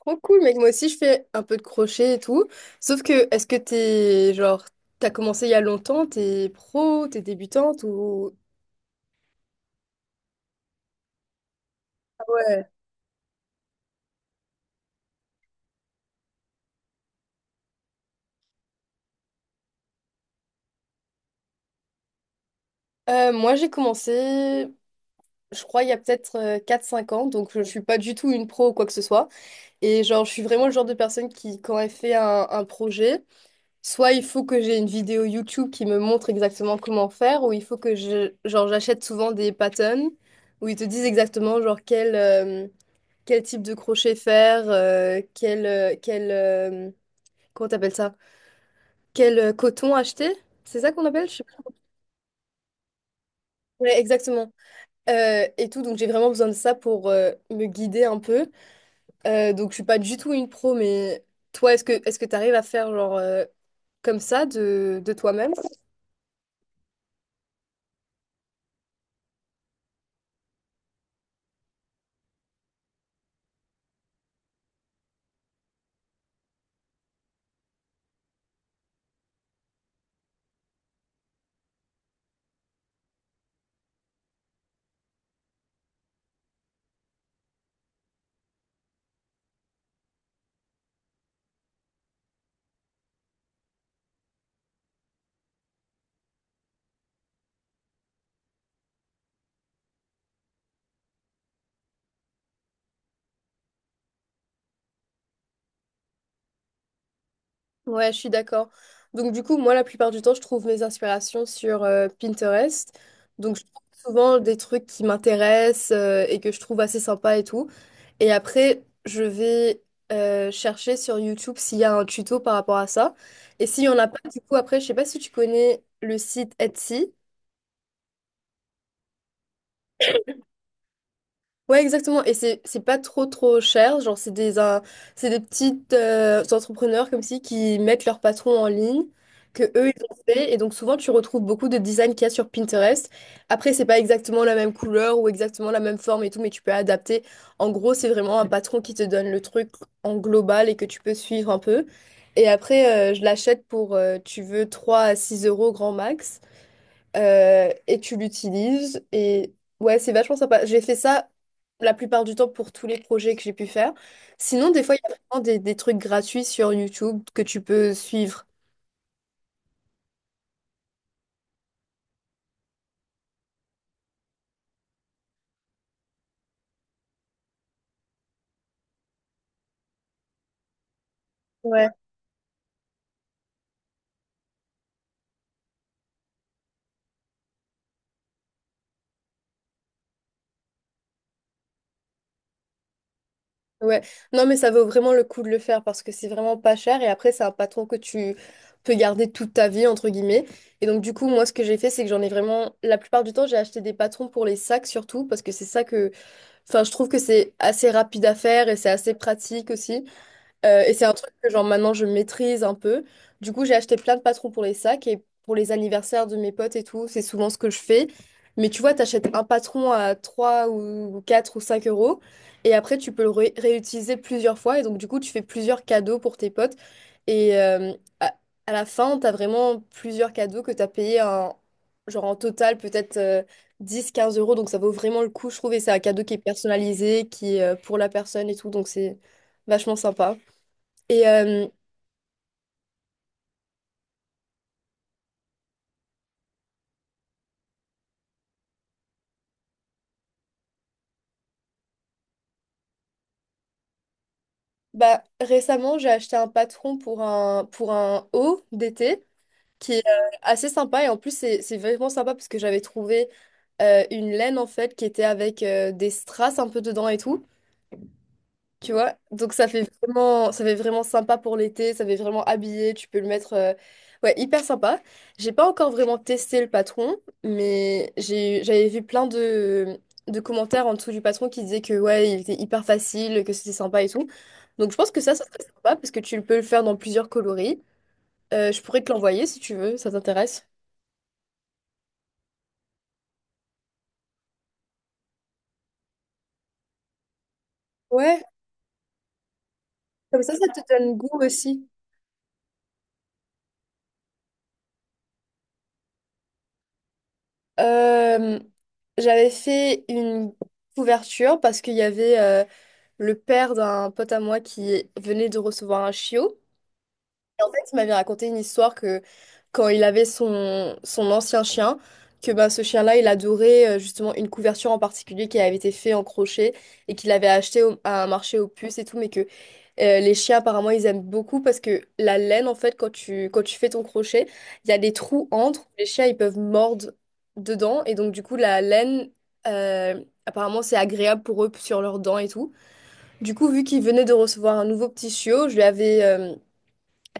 Trop cool, mec. Moi aussi, je fais un peu de crochet et tout. Sauf que, est-ce que t'es, genre, t'as commencé il y a longtemps, t'es pro, t'es débutante ou. Ah, ouais. Moi, j'ai commencé, je crois, il y a peut-être 4-5 ans, donc je ne suis pas du tout une pro ou quoi que ce soit. Et genre, je suis vraiment le genre de personne qui, quand elle fait un projet, soit il faut que j'ai une vidéo YouTube qui me montre exactement comment faire, ou il faut que je, genre, j'achète souvent des patterns où ils te disent exactement, genre, quel type de crochet faire, quel, quel comment t'appelles ça? Quel coton acheter? C'est ça qu'on appelle? Je sais pas. Ouais, exactement. Et tout, donc j'ai vraiment besoin de ça pour me guider un peu. Donc je suis pas du tout une pro, mais toi, est-ce que t'arrives à faire genre comme ça de toi-même? Ouais, je suis d'accord. Donc du coup, moi, la plupart du temps, je trouve mes inspirations sur Pinterest. Donc je trouve souvent des trucs qui m'intéressent et que je trouve assez sympa et tout. Et après, je vais chercher sur YouTube s'il y a un tuto par rapport à ça. Et s'il y en a pas, du coup, après, je sais pas si tu connais le site Etsy. Ouais, exactement. Et c'est pas trop trop cher. Genre, c'est des petites entrepreneurs comme si qui mettent leur patron en ligne, que eux ils ont fait. Et donc souvent tu retrouves beaucoup de designs qu'il y a sur Pinterest. Après, c'est pas exactement la même couleur ou exactement la même forme et tout, mais tu peux adapter. En gros, c'est vraiment un patron qui te donne le truc en global et que tu peux suivre un peu. Et après, je l'achète pour, tu veux, 3 à 6 euros grand max et tu l'utilises. Et ouais, c'est vachement sympa. J'ai fait ça la plupart du temps pour tous les projets que j'ai pu faire. Sinon, des fois, il y a vraiment des trucs gratuits sur YouTube que tu peux suivre. Ouais. Ouais. Non, mais ça vaut vraiment le coup de le faire parce que c'est vraiment pas cher et après, c'est un patron que tu peux garder toute ta vie, entre guillemets. Et donc, du coup, moi, ce que j'ai fait, c'est que j'en ai vraiment. La plupart du temps, j'ai acheté des patrons pour les sacs surtout parce que c'est ça que. Enfin, je trouve que c'est assez rapide à faire et c'est assez pratique aussi. Et c'est un truc que genre maintenant je maîtrise un peu. Du coup, j'ai acheté plein de patrons pour les sacs et pour les anniversaires de mes potes et tout, c'est souvent ce que je fais. Mais tu vois, t'achètes un patron à 3 ou 4 ou 5 euros et après tu peux le réutiliser plusieurs fois et donc du coup tu fais plusieurs cadeaux pour tes potes et à, à la fin t'as vraiment plusieurs cadeaux que t'as payé en, genre en total peut-être 10-15 euros donc ça vaut vraiment le coup je trouve et c'est un cadeau qui est personnalisé, qui est pour la personne et tout donc c'est vachement sympa. Et euh, Bah, récemment, j'ai acheté un patron pour un haut d'été qui est assez sympa. Et en plus, c'est vraiment sympa parce que j'avais trouvé une laine en fait qui était avec des strass un peu dedans et tout. Tu vois, donc ça fait vraiment sympa pour l'été, ça fait vraiment habillé, tu peux le mettre, ouais, hyper sympa. J'ai pas encore vraiment testé le patron, mais j'ai, j'avais vu plein de commentaires en dessous du patron qui disaient que ouais, il était hyper facile, que c'était sympa et tout. Donc je pense que ça serait sympa parce que tu peux le faire dans plusieurs coloris. Je pourrais te l'envoyer si tu veux, ça t'intéresse. Ouais, comme ça te donne goût aussi. Euh, J'avais fait une couverture parce qu'il y avait le père d'un pote à moi qui venait de recevoir un chiot. Et en fait, il m'avait raconté une histoire que quand il avait son ancien chien, que bah, ce chien-là, il adorait justement une couverture en particulier qui avait été faite en crochet et qu'il avait acheté à un marché aux puces et tout, mais que les chiens, apparemment, ils aiment beaucoup parce que la laine, en fait, quand tu fais ton crochet, il y a des trous entre, les chiens, ils peuvent mordre dedans et donc, du coup, la laine, apparemment, c'est agréable pour eux sur leurs dents et tout. Du coup, vu qu'il venait de recevoir un nouveau petit chiot, je lui avais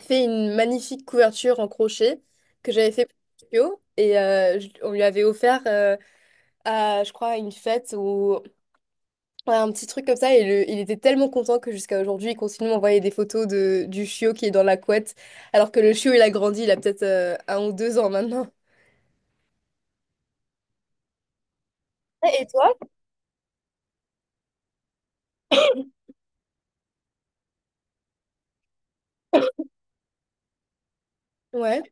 fait une magnifique couverture en crochet que j'avais fait pour le chiot. On lui avait offert à, je crois, à une fête ou à un petit truc comme ça. Et il était tellement content que jusqu'à aujourd'hui, il continue de m'envoyer des photos de, du chiot qui est dans la couette. Alors que le chiot, il a grandi, il a peut-être un ou deux ans maintenant. Ah, et toi? Ouais.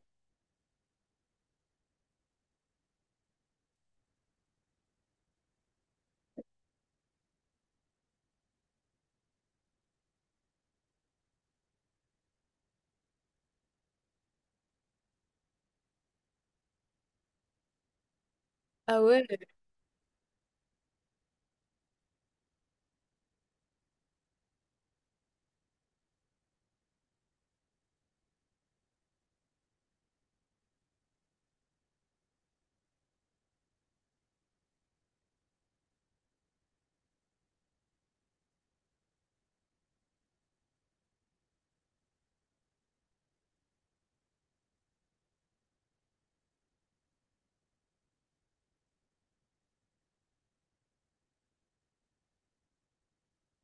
Ah, ouais.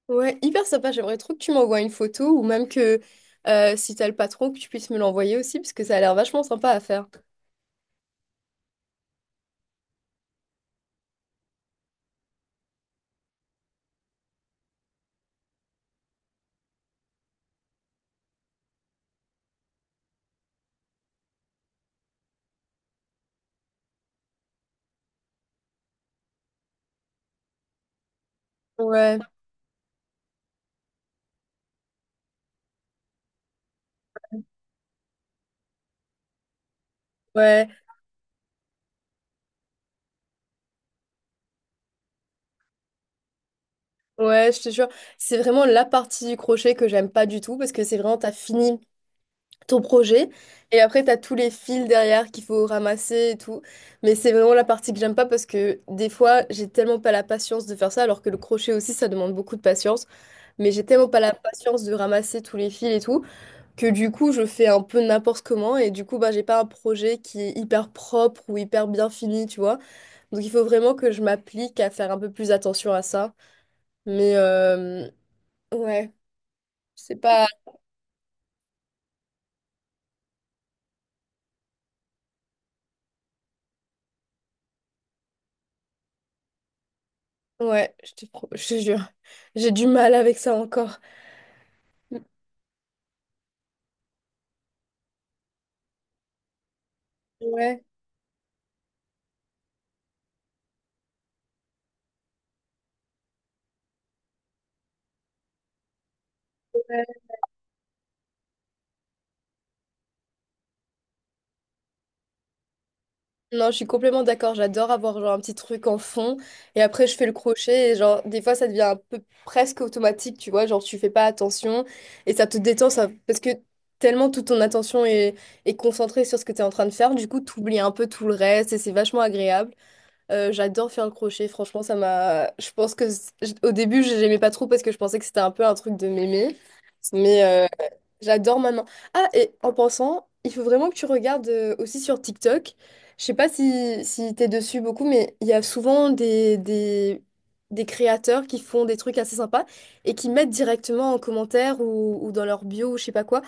Ouais, hyper sympa. J'aimerais trop que tu m'envoies une photo ou même que si t'as le patron, que tu puisses me l'envoyer aussi, parce que ça a l'air vachement sympa à faire. Ouais, ouais, ouais, je te jure. C'est vraiment la partie du crochet que j'aime pas du tout parce que c'est vraiment, t'as fini ton projet et après, t'as tous les fils derrière qu'il faut ramasser et tout. Mais c'est vraiment la partie que j'aime pas parce que des fois, j'ai tellement pas la patience de faire ça, alors que le crochet aussi, ça demande beaucoup de patience. Mais j'ai tellement pas la patience de ramasser tous les fils et tout, que du coup je fais un peu n'importe comment et du coup bah j'ai pas un projet qui est hyper propre ou hyper bien fini tu vois, donc il faut vraiment que je m'applique à faire un peu plus attention à ça, mais ouais, c'est pas, ouais, je te je te jure, j'ai du mal avec ça encore. Ouais. Non, je suis complètement d'accord. J'adore avoir genre un petit truc en fond et après je fais le crochet et genre des fois ça devient un peu presque automatique, tu vois, genre tu fais pas attention et ça te détend ça parce que tellement toute ton attention est, est concentrée sur ce que tu es en train de faire, du coup tu oublies un peu tout le reste et c'est vachement agréable. J'adore faire le crochet, franchement, ça m'a. Je pense que au début, n'aimais pas trop parce que je pensais que c'était un peu un truc de mémé. Mais j'adore maintenant. Ah, et en pensant, il faut vraiment que tu regardes aussi sur TikTok. Je sais pas si t'es dessus beaucoup, mais il y a souvent des créateurs qui font des trucs assez sympas et qui mettent directement en commentaire ou dans leur bio ou je sais pas quoi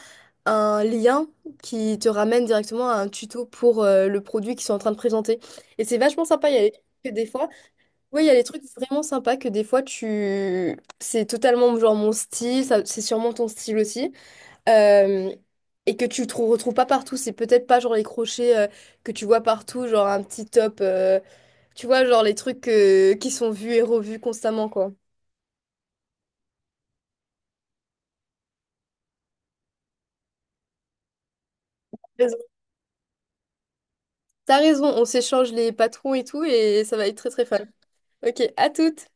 un lien qui te ramène directement à un tuto pour le produit qu'ils sont en train de présenter. Et c'est vachement sympa que des fois, oui, il y a des trucs vraiment sympas que des fois tu. C'est totalement genre mon style, ça, c'est sûrement ton style aussi. euh, et que tu retrouves pas partout. C'est peut-être pas genre les crochets que tu vois partout, genre un petit top. Tu vois, genre les trucs qui sont vus et revus constamment, quoi. Raison. T'as raison, on s'échange les patrons et tout, et ça va être très très fun. Ok, à toutes!